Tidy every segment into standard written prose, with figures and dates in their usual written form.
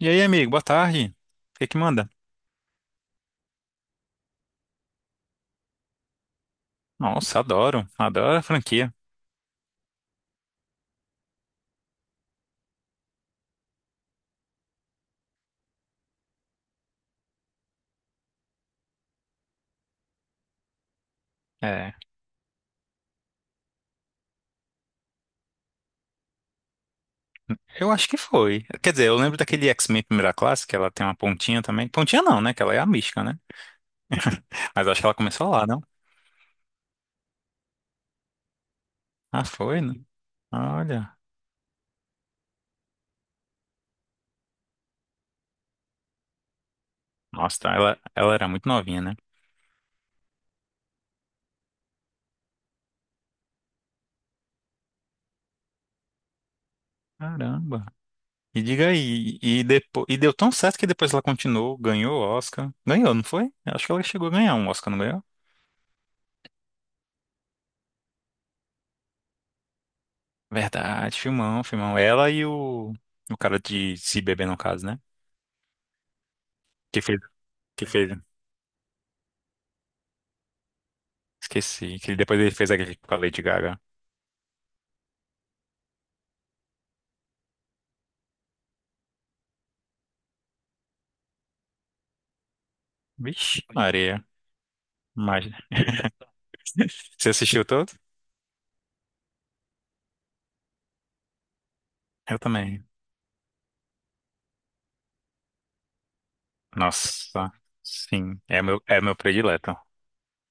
E aí, amigo, boa tarde. O que que manda? Nossa, adoro, adoro a franquia. É, eu acho que foi. Quer dizer, eu lembro daquele X-Men Primeira Classe, que ela tem uma pontinha também. Pontinha não, né? Que ela é a mística, né? Mas acho que ela começou lá, não? Ah, foi, né? Olha. Nossa, tá, ela era muito novinha, né? Caramba. E diga aí, e, depois, e deu tão certo que depois ela continuou, ganhou o Oscar. Ganhou, não foi? Eu acho que ela chegou a ganhar um Oscar, não ganhou? Verdade, filmão, filmão. Ela e o cara de Se Beber, no caso, né? Que fez. Que ele... Esqueci. Que depois ele fez aquele com a Lady Gaga. Vixe, Maria. Mas... Você assistiu todo? Eu também. Nossa, sim. É meu predileto.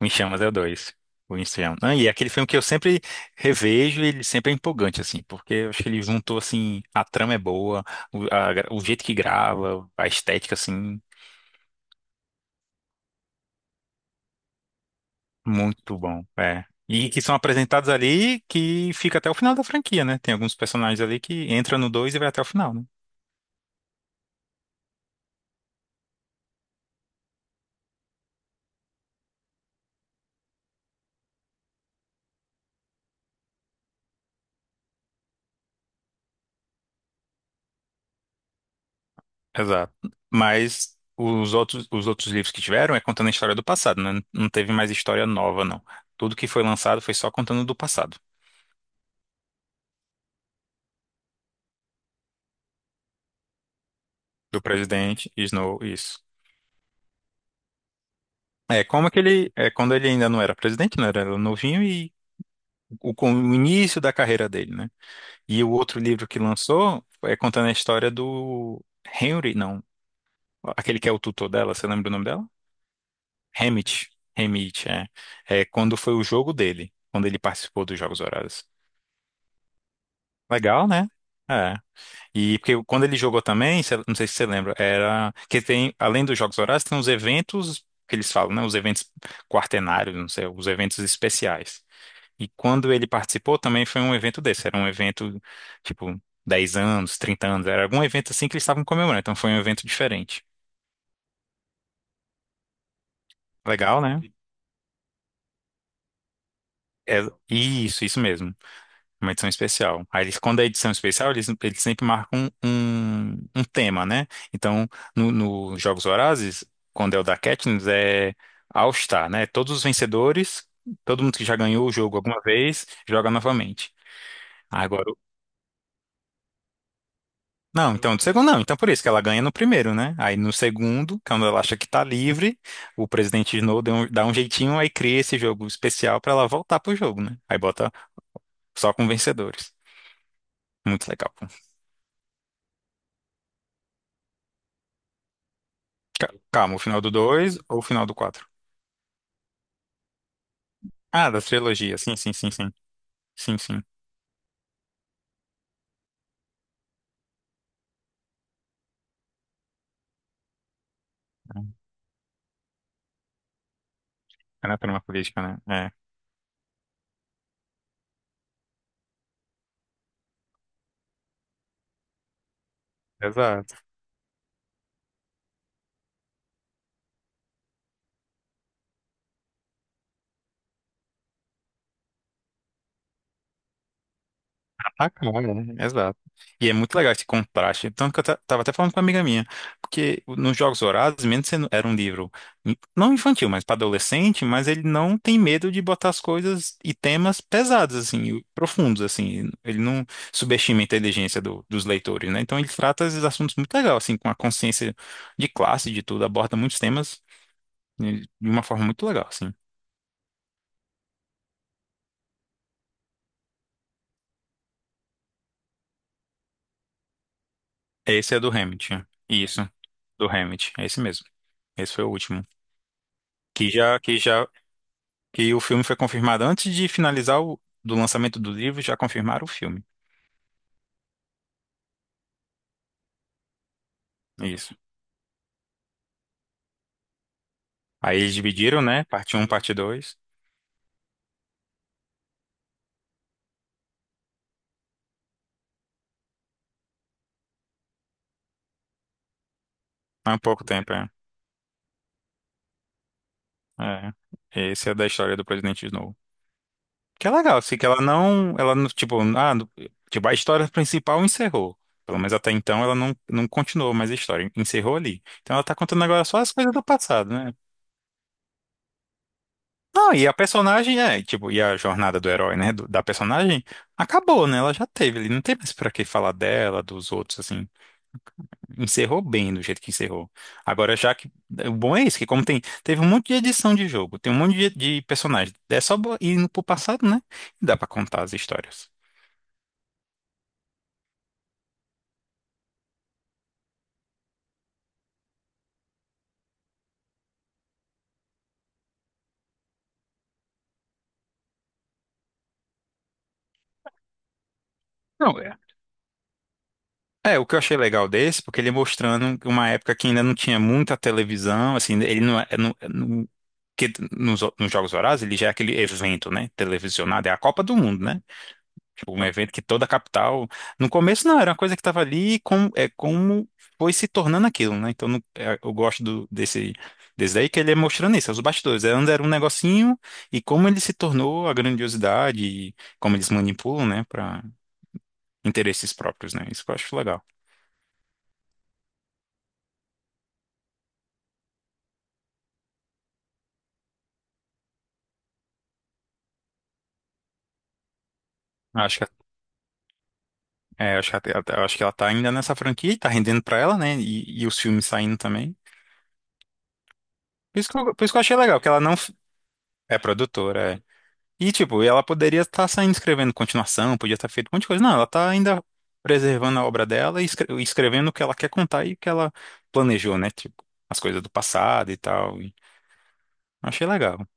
O Em Chamas é o dois. O Em Chamas. Ah, e é aquele filme que eu sempre revejo e ele sempre é empolgante, assim, porque eu acho que ele juntou, assim, a trama é boa, o, a o jeito que grava, a estética, assim, muito bom. É. E que são apresentados ali que fica até o final da franquia, né? Tem alguns personagens ali que entram no dois e vai até o final, né? Exato. Mas os outros livros que tiveram é contando a história do passado, né? Não teve mais história nova, não. Tudo que foi lançado foi só contando do passado, do presidente Snow, isso. É como aquele, é quando ele ainda não era presidente, né? Era novinho e o, com o início da carreira dele, né? E o outro livro que lançou é contando a história do Henry, não, aquele que é o tutor dela, você lembra o nome dela? Hamit, Hamit, é. É quando foi o jogo dele, quando ele participou dos Jogos Horários. Legal, né? É. E porque quando ele jogou também, não sei se você lembra, era que tem, além dos Jogos Horários, tem os eventos que eles falam, né? Os eventos quartenários, não sei, os eventos especiais. E quando ele participou também foi um evento desse, era um evento tipo 10 anos, 30 anos, era algum evento assim que eles estavam comemorando, então foi um evento diferente. Legal, né? É, isso mesmo. Uma edição especial. Aí eles, quando é edição especial, eles sempre marcam um tema, né? Então, no Jogos Vorazes, quando é o da Katniss, é All Star, né? Todos os vencedores, todo mundo que já ganhou o jogo alguma vez, joga novamente. Agora, não, então do segundo não, então por isso que ela ganha no primeiro, né? Aí no segundo, quando ela acha que tá livre, o presidente Snow dá um jeitinho, aí cria esse jogo especial pra ela voltar pro jogo, né? Aí bota só com vencedores. Muito legal. Calma, o final do 2 ou o final do quatro? Ah, da trilogia. Sim, sim, sim, sim. Sim, sim. É na trama política, né? É. Exato. Ah, cara, né? Exato. E é muito legal esse contraste. Tanto que eu tava até falando com uma amiga minha. Porque nos Jogos Vorazes, mesmo sendo era um livro não infantil, mas para adolescente, mas ele não tem medo de botar as coisas e temas pesados, assim, e profundos, assim. Ele não subestima a inteligência dos leitores, né? Então ele trata esses assuntos muito legal, assim, com a consciência de classe, de tudo, aborda muitos temas e de uma forma muito legal, assim. Esse é do Hamilton. Isso, do Hamilton. É esse mesmo. Esse foi o último. Que já, que já, que o filme foi confirmado antes de finalizar o do lançamento do livro, já confirmaram o filme. Isso. Aí eles dividiram, né? Parte um, parte 2. Há pouco tempo, é. É. Esse é da história do Presidente Snow. Que é legal, assim, que ela não, tipo, ah, tipo, a história principal encerrou. Pelo menos até então ela não, não continuou mais a história, encerrou ali. Então ela tá contando agora só as coisas do passado, né? Não, e a personagem, é, tipo, e a jornada do herói, né, da personagem, acabou, né? Ela já teve ele não tem mais pra que falar dela, dos outros, assim. Encerrou bem do jeito que encerrou. Agora, já que. O bom é isso, que como tem. Teve um monte de edição de jogo, tem um monte de personagem. É só bo- ir no- pro passado, né? E dá pra contar as histórias. Não. É, o que eu achei legal desse, porque ele mostrando uma época que ainda não tinha muita televisão, assim, ele não é. É, não, é, que nos Jogos Vorazes ele já é aquele evento, né? Televisionado, é a Copa do Mundo, né? Tipo, um evento que toda a capital. No começo não, era uma coisa que estava ali e como, é, como foi se tornando aquilo, né? Então é, eu gosto do, desse, desse daí que ele é mostrando isso, é os bastidores. Antes era um negocinho e como ele se tornou a grandiosidade e como eles manipulam, né? Para interesses próprios, né? Isso que eu acho legal. Acho que é, eu acho que, eu acho que ela tá ainda nessa franquia e tá rendendo pra ela, né? E os filmes saindo também. Por isso que eu, por isso que eu achei legal, que ela não f- é produtora. É. E, tipo, ela poderia estar saindo escrevendo continuação, podia estar feito um monte de coisa. Não, ela tá ainda preservando a obra dela e escrevendo o que ela quer contar e o que ela planejou, né? Tipo, as coisas do passado e tal. E achei legal.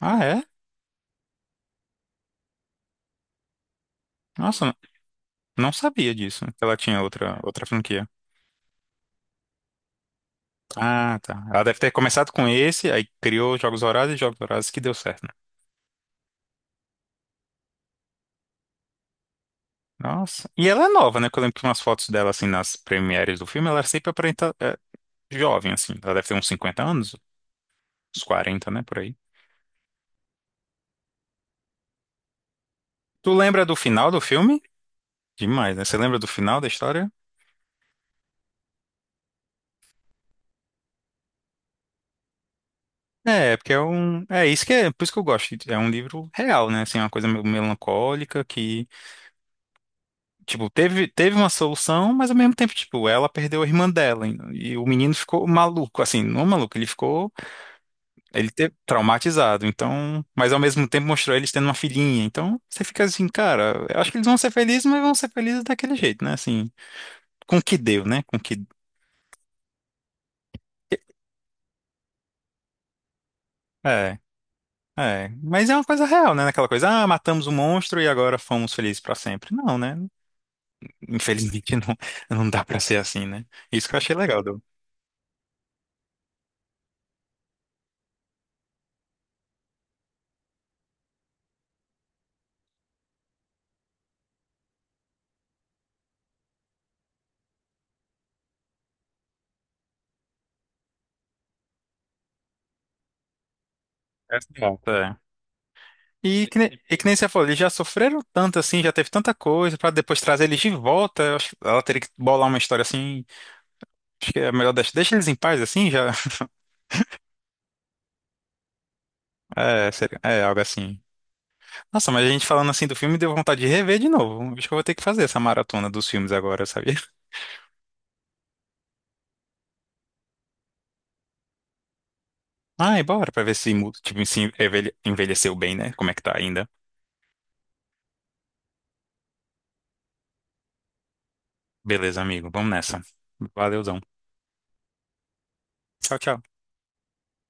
Ah, é? Nossa, não sabia disso, que ela tinha outra, outra franquia. Ah, tá. Ela deve ter começado com esse, aí criou Jogos Vorazes e Jogos Vorazes que deu certo, né? Nossa. E ela é nova, né? Porque eu lembro que umas fotos dela, assim, nas premieres do filme, ela sempre aparenta é, jovem, assim. Ela deve ter uns 50 anos, uns 40, né? Por aí. Tu lembra do final do filme? Demais, né? Você lembra do final da história? É, porque é um. É isso que é. Por isso que eu gosto. É um livro real, né? Assim, uma coisa meio melancólica que, tipo, teve uma solução, mas ao mesmo tempo, tipo, ela perdeu a irmã dela. E o menino ficou maluco, assim, não maluco, ele ficou. Ele ter traumatizado, então, mas ao mesmo tempo mostrou eles tendo uma filhinha. Então, você fica assim, cara, eu acho que eles vão ser felizes, mas vão ser felizes daquele jeito, né? Assim, com o que deu, né? Com o que é, é, mas é uma coisa real, né? Aquela coisa, ah, matamos o monstro e agora fomos felizes pra sempre. Não, né? Infelizmente não, não dá pra ser assim, né? Isso que eu achei legal do é, assim, ó. É. E que nem, e que nem você falou, eles já sofreram tanto assim, já teve tanta coisa, pra depois trazer eles de volta. Eu acho que ela teria que bolar uma história assim. Acho que é melhor deixar, deixa eles em paz assim, já. É, seria, é algo assim. Nossa, mas a gente falando assim do filme deu vontade de rever de novo. Acho que eu vou ter que fazer essa maratona dos filmes agora, sabia? Ai, bora pra ver se, tipo, se envelheceu bem, né? Como é que tá ainda. Beleza, amigo, vamos nessa. Valeuzão. Tchau, tchau.